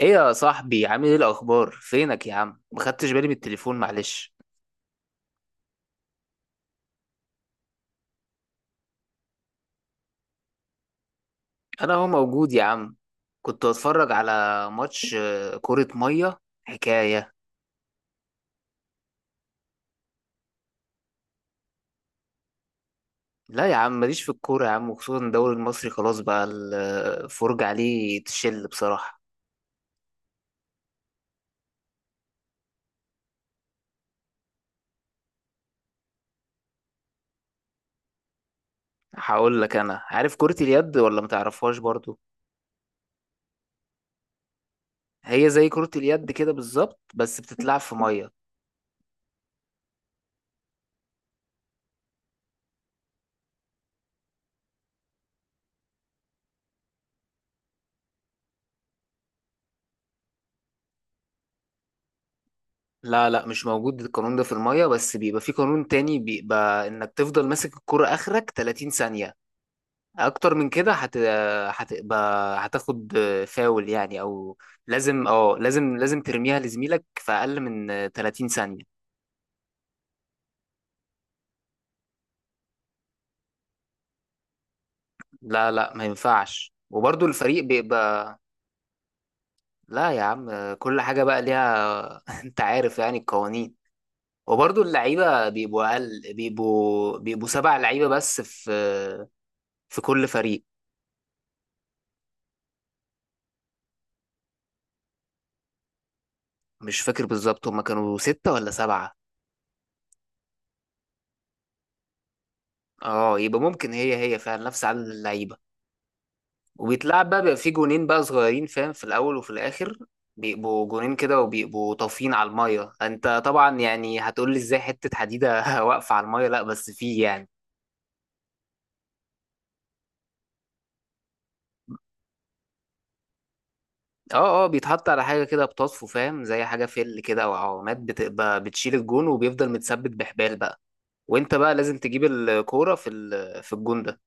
ايه يا صاحبي، عامل ايه؟ الاخبار؟ فينك يا عم؟ ما خدتش بالي من التليفون، معلش. انا هو موجود يا عم. كنت بتفرج على ماتش كرة مية حكاية. لا يا عم، ماليش في الكورة يا عم، وخصوصا الدوري المصري خلاص بقى الفرجة عليه تشل بصراحة. هقول لك، انا عارف كرة اليد، ولا ما تعرفهاش برضو؟ هي زي كرة اليد كده بالظبط، بس بتتلعب في مية. لا مش موجود القانون ده في المية، بس بيبقى في قانون تاني، بيبقى انك تفضل ماسك الكرة اخرك 30 ثانية. اكتر من كده هت هتبقى هتاخد فاول يعني او لازم، اه لازم، ترميها لزميلك في اقل من 30 ثانية. لا ما ينفعش، وبرضو الفريق بيبقى لا يا عم، كل حاجة بقى ليها انت عارف يعني القوانين. وبرضو اللعيبة بيبقوا اقل، بيبقوا سبع لعيبة بس في كل فريق. مش فاكر بالظبط، هما كانوا ستة ولا سبعة. اه يبقى ممكن هي فعلا نفس عدد اللعيبة. وبيتلعب بقى، بيبقى فيه جونين بقى صغيرين فاهم، في الاول وفي الاخر. بيبقوا جونين كده، وبيبقوا طافيين على الميه. انت طبعا يعني هتقول لي ازاي حته حديده واقفه على الميه؟ لا بس فيه يعني، اه اه، بيتحط على حاجه كده بتطفو فاهم، زي حاجه فل كده او عوامات، بتبقى بتشيل الجون، وبيفضل متثبت بحبال بقى. وانت بقى لازم تجيب الكوره في في الجون ده.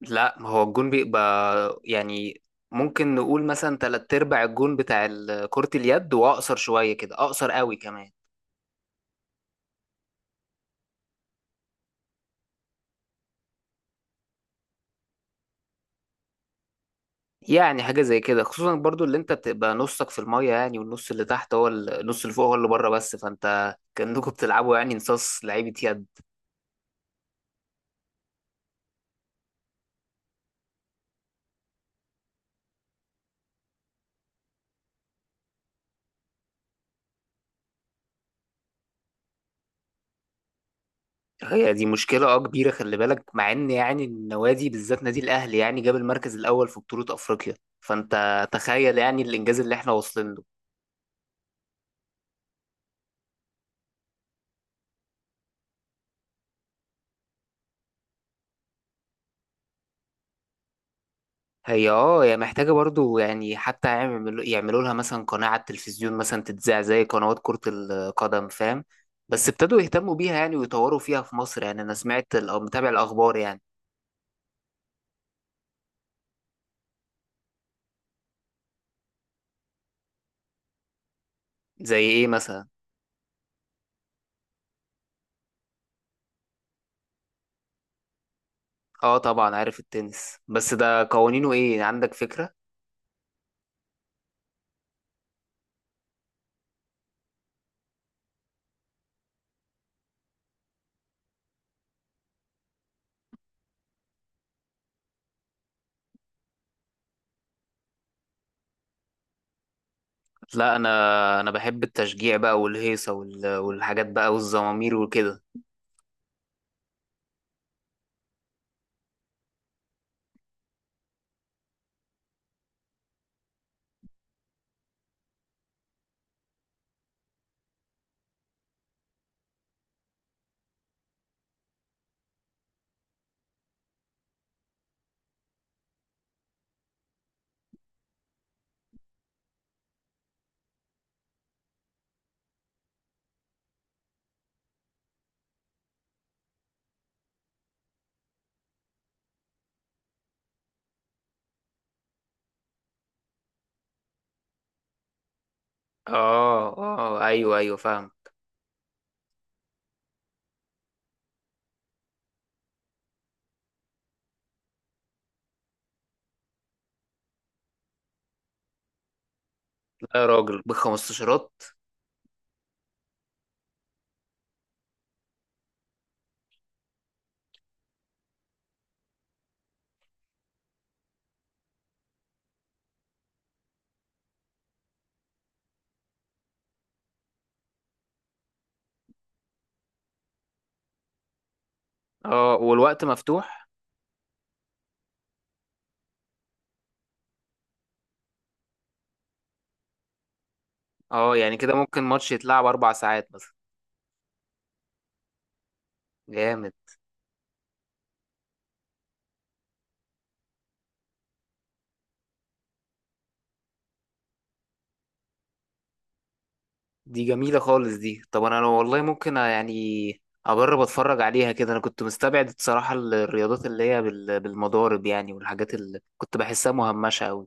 لا ما هو الجون بيبقى يعني، ممكن نقول مثلا تلات ارباع الجون بتاع كرة اليد، واقصر شويه كده، اقصر قوي كمان. يعني حاجة زي كده، خصوصا برضو اللي انت بتبقى نصك في المية يعني، والنص اللي تحت هو النص اللي فوق هو اللي بره، بس فانت كأنكم بتلعبوا يعني نصاص لعيبة يد. هي دي مشكلة اه كبيرة، خلي بالك مع ان يعني النوادي، بالذات نادي الاهلي يعني جاب المركز الاول في بطولة افريقيا، فانت تخيل يعني الانجاز اللي احنا واصلين له. هي اه، هي محتاجة برضو يعني، حتى يعملوا لها مثلا قناة على التلفزيون مثلا، تتذاع زي قنوات كرة القدم فاهم. بس ابتدوا يهتموا بيها يعني، ويطوروا فيها في مصر. يعني انا سمعت او متابع الاخبار يعني. زي ايه مثلا؟ اه طبعا عارف التنس، بس ده قوانينه ايه؟ عندك فكرة؟ لا انا بحب التشجيع بقى والهيصة والحاجات بقى والزمامير وكده. اه اه، ايوه ايوه فاهم. لا يا راجل بخمستاشرات؟ اه والوقت مفتوح؟ اه يعني كده ممكن ماتش يتلعب اربع ساعات مثلا. جامد. دي جميلة خالص دي. طب انا لو والله ممكن يعني اجرب اتفرج عليها كده، انا كنت مستبعد الصراحة الرياضات اللي هي بالمضارب يعني، والحاجات اللي كنت بحسها مهمشة قوي.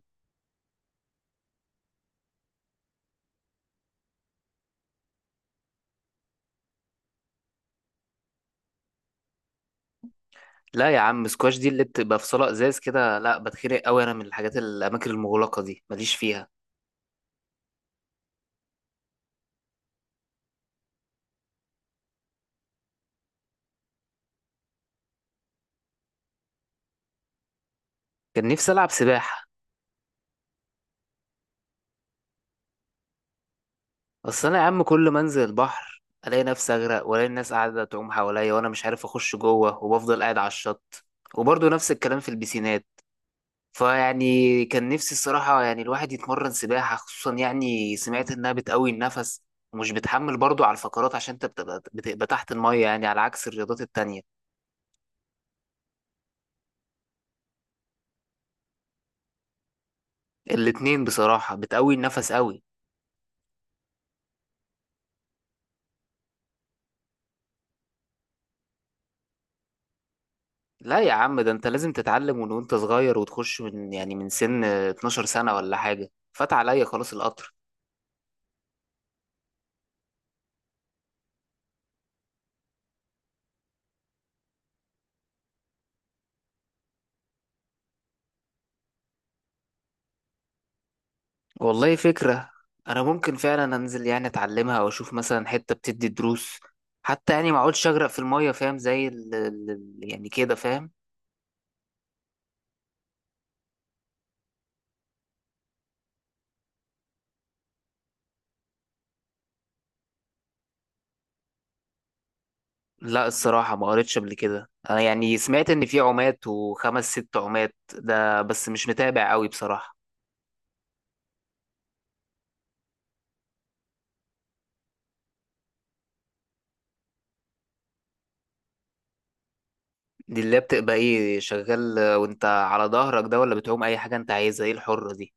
لا يا عم، سكواش دي اللي بتبقى في صالة ازاز كده، لا بتخنق قوي، انا من الحاجات الاماكن المغلقة دي ماليش فيها. كان نفسي العب سباحة. اصل انا يا عم كل ما انزل البحر الاقي نفسي اغرق، والاقي الناس قاعده تعوم حواليا وانا مش عارف اخش جوه، وبفضل قاعد على الشط. وبرضه نفس الكلام في البسينات. فيعني كان نفسي الصراحه يعني الواحد يتمرن سباحه، خصوصا يعني سمعت انها بتقوي النفس، ومش بتحمل برضه على الفقرات، عشان انت بتبقى تحت الميه يعني، على عكس الرياضات التانية. الاتنين بصراحه بتقوي النفس قوي. لا يا عم، ده انت لازم تتعلم من وانت صغير، وتخش من يعني من سن 12 سنه ولا حاجه، فات عليا خلاص القطر. والله فكرة. أنا ممكن فعلا أنزل يعني أتعلمها، أو أشوف مثلا حتة بتدي دروس، حتى يعني ما أقعدش أغرق في المية فاهم، زي يعني كده فاهم. لا الصراحة ما قريتش قبل كده. أنا يعني سمعت إن في عمات، وخمس ست عمات ده، بس مش متابع أوي بصراحة. دي اللي بتبقى إيه؟ شغال وأنت على ظهرك ده، ولا بتعوم أي حاجة أنت عايزها؟ إيه الحرة دي؟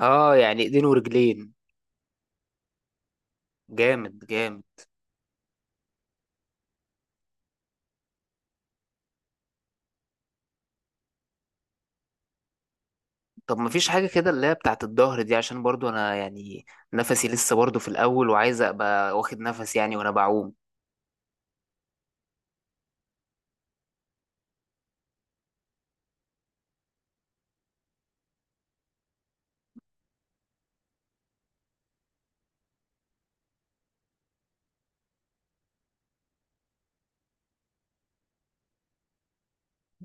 آه يعني إيدين ورجلين. جامد جامد. طب مفيش حاجة كده اللي هي بتاعت الظهر دي؟ عشان برضو أنا يعني نفسي لسه برضو في الأول، وعايز أبقى واخد نفس يعني وأنا بعوم.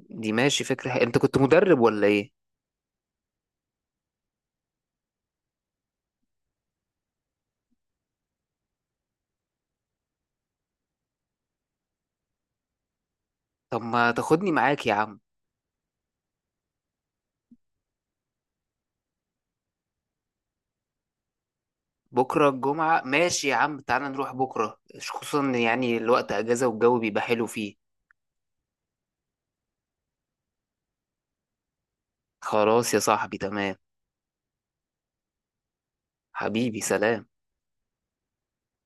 دي ماشي، فكرة حلوة. أنت كنت مدرب ولا إيه؟ طب ما تاخدني معاك يا عم. بكرة الجمعة، ماشي يا عم، تعالى نروح بكرة، خصوصا إن يعني الوقت أجازة والجو بيبقى حلو فيه. خلاص يا صاحبي، تمام. حبيبي سلام.